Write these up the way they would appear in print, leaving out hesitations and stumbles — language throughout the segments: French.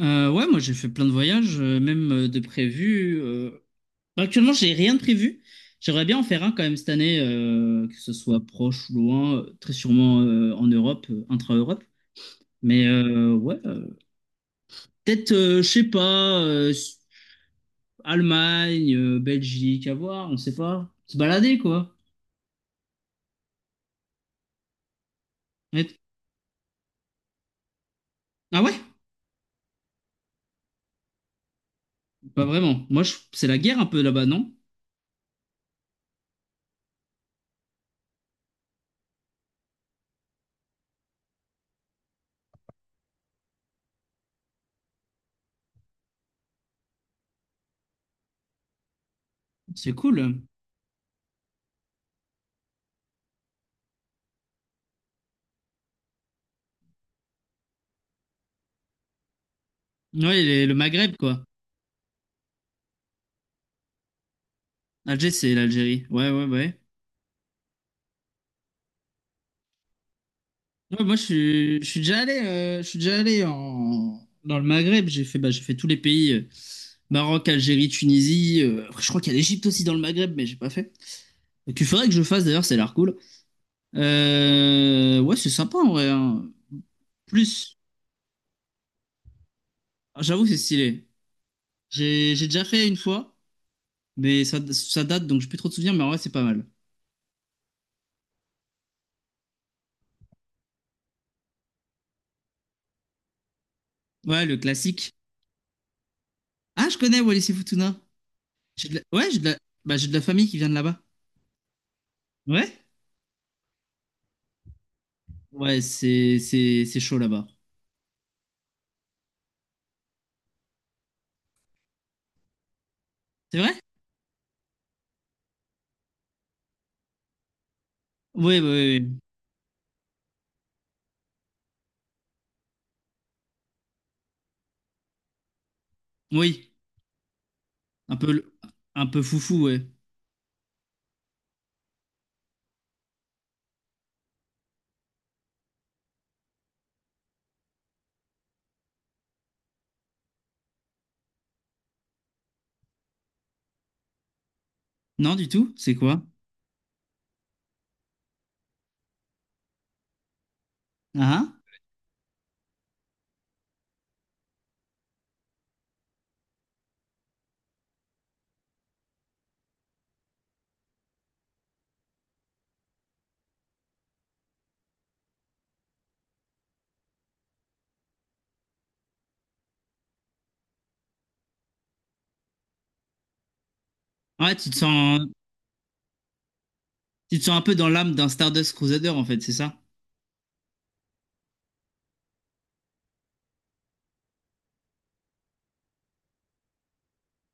Ouais, moi j'ai fait plein de voyages, même de prévus. Actuellement, j'ai rien de prévu. J'aimerais bien en faire un quand même cette année, que ce soit proche ou loin, très sûrement en Europe, intra-Europe. Mais euh, ouais, euh, peut-être, je sais pas, Allemagne, Belgique, à voir, on sait pas. Se balader quoi. Et- Ah ouais? Pas vraiment. C'est la guerre un peu là-bas, non? C'est cool. Le Maghreb quoi. Alger, c'est l'Algérie. Ouais, ouais, ouais. Ouais, moi, je suis déjà allé, je suis déjà dans le Maghreb. J'ai fait, bah, j'ai fait tous les pays, Maroc, Algérie, Tunisie. Après, je crois qu'il y a l'Égypte aussi dans le Maghreb, mais j'ai pas fait. Tu ferais que je le fasse d'ailleurs, c'est l'air cool. Ouais, c'est sympa en vrai. Hein. Plus, ah, j'avoue, c'est stylé. J'ai déjà fait une fois, mais ça date, donc j'ai plus trop de souvenirs, mais en vrai, c'est pas mal. Ouais, le classique. Ah, je connais Wallis et Futuna. Ouais, j'ai de la... Bah, j'ai de la famille qui vient de là-bas. Ouais? Ouais, c'est chaud là-bas. C'est vrai? Oui, oui, oui. Oui. Oui. Un peu, le- un peu foufou, ouais. Non, du tout. C'est quoi? Ah, ah. Ouais, tu te sens un peu dans l'âme d'un Stardust Crusader, en fait, c'est ça?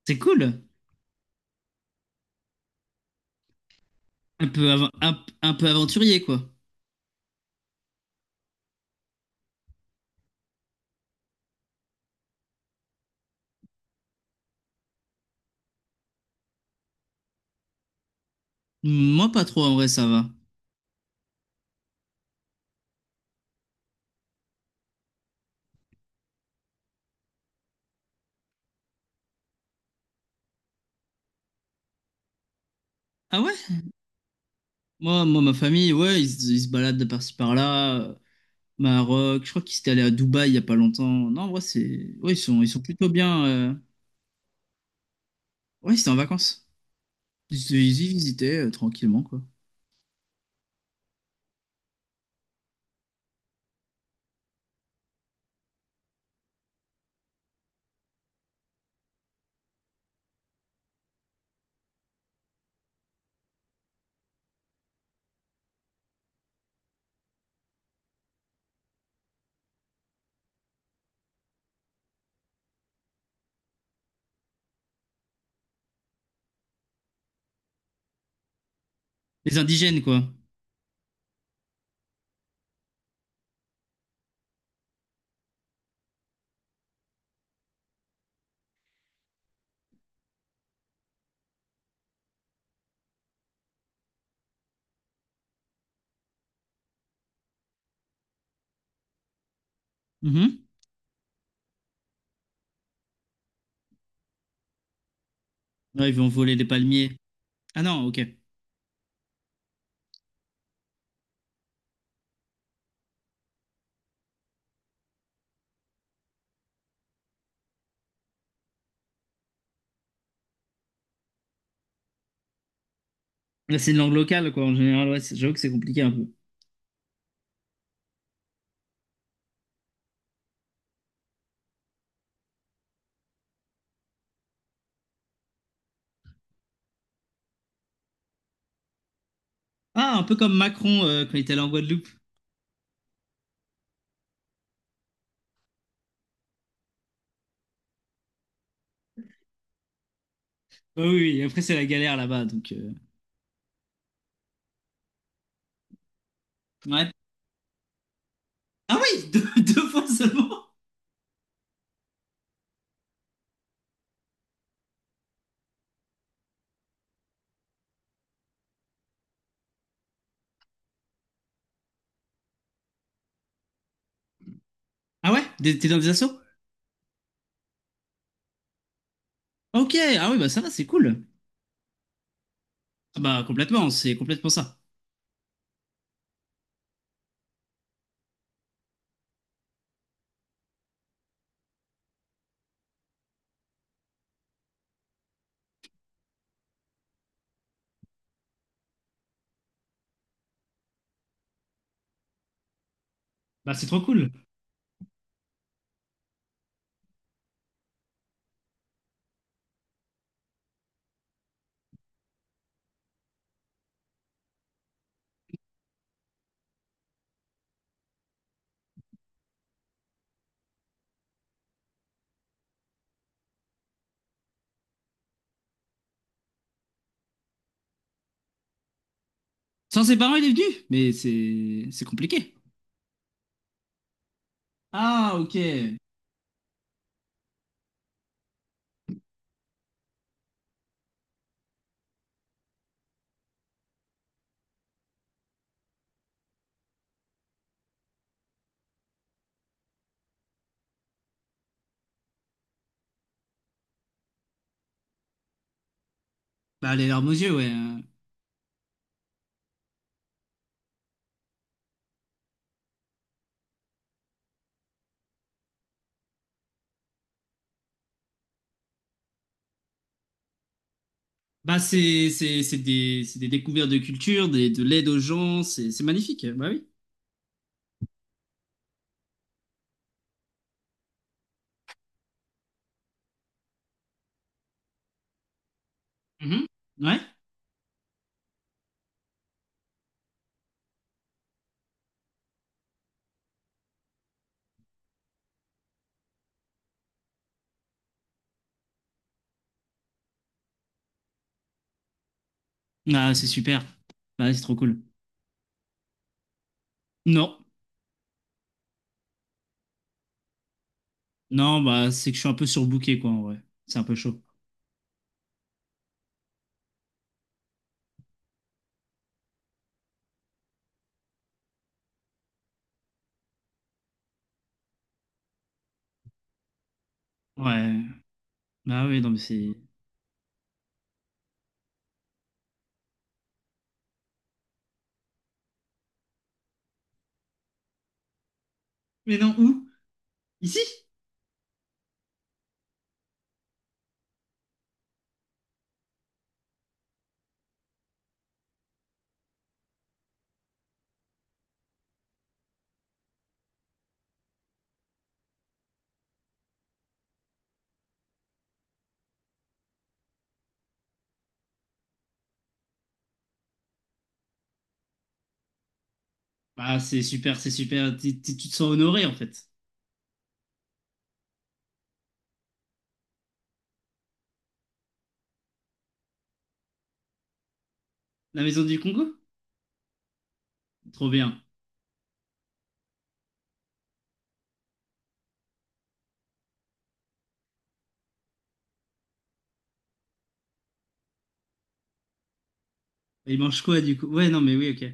C'est cool. Un peu aventurier, quoi. Moi, pas trop, en vrai, ça va. Ah ouais? Ma famille, ouais, ils se baladent de par-ci par-là. Maroc, je crois qu'ils étaient allés à Dubaï il y a pas longtemps. Non, en vrai, c'est, ouais, ils sont plutôt bien. Ouais, ils étaient en vacances. Ils y visitaient tranquillement, quoi. Les indigènes, quoi. Ouais, ils vont voler des palmiers. Ah non, ok. Là, c'est une langue locale, quoi. En général, ouais, j'avoue que c'est compliqué un peu. Ah, un peu comme Macron quand il était allé en Guadeloupe. Ah oui, oui, et après, c'est la galère là-bas, donc... Ouais. Ah oui, deux, deux fois seulement. Ah ouais? T'es dans des assos? Ok, ah oui, bah ça va, c'est cool. Ah bah, complètement, c'est complètement ça. Bah, c'est trop cool. Sans ses parents, il est venu, mais c'est compliqué. Ah, ok. Bah, les larmes aux yeux, ouais. Hein. Bah, c'est des découvertes de culture, des, de l'aide aux gens, c'est magnifique, bah oui. Mhm. Ouais. Ah, c'est super. Bah, c'est trop cool. Non. Non, bah, c'est que je suis un peu surbooké, quoi, en vrai. C'est un peu chaud. Ouais. Bah oui, non, mais c'est... Mais non, où? Ici? Bah, c'est super, c'est super. Tu te sens honoré, en fait. La maison du Congo? Trop bien. Et ils mangent quoi, du coup? Ouais, non, mais oui, ok.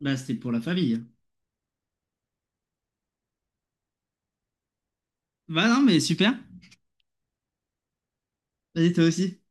Bah, c'était pour la famille. Hein. Bah non, mais super. Vas-y, toi aussi.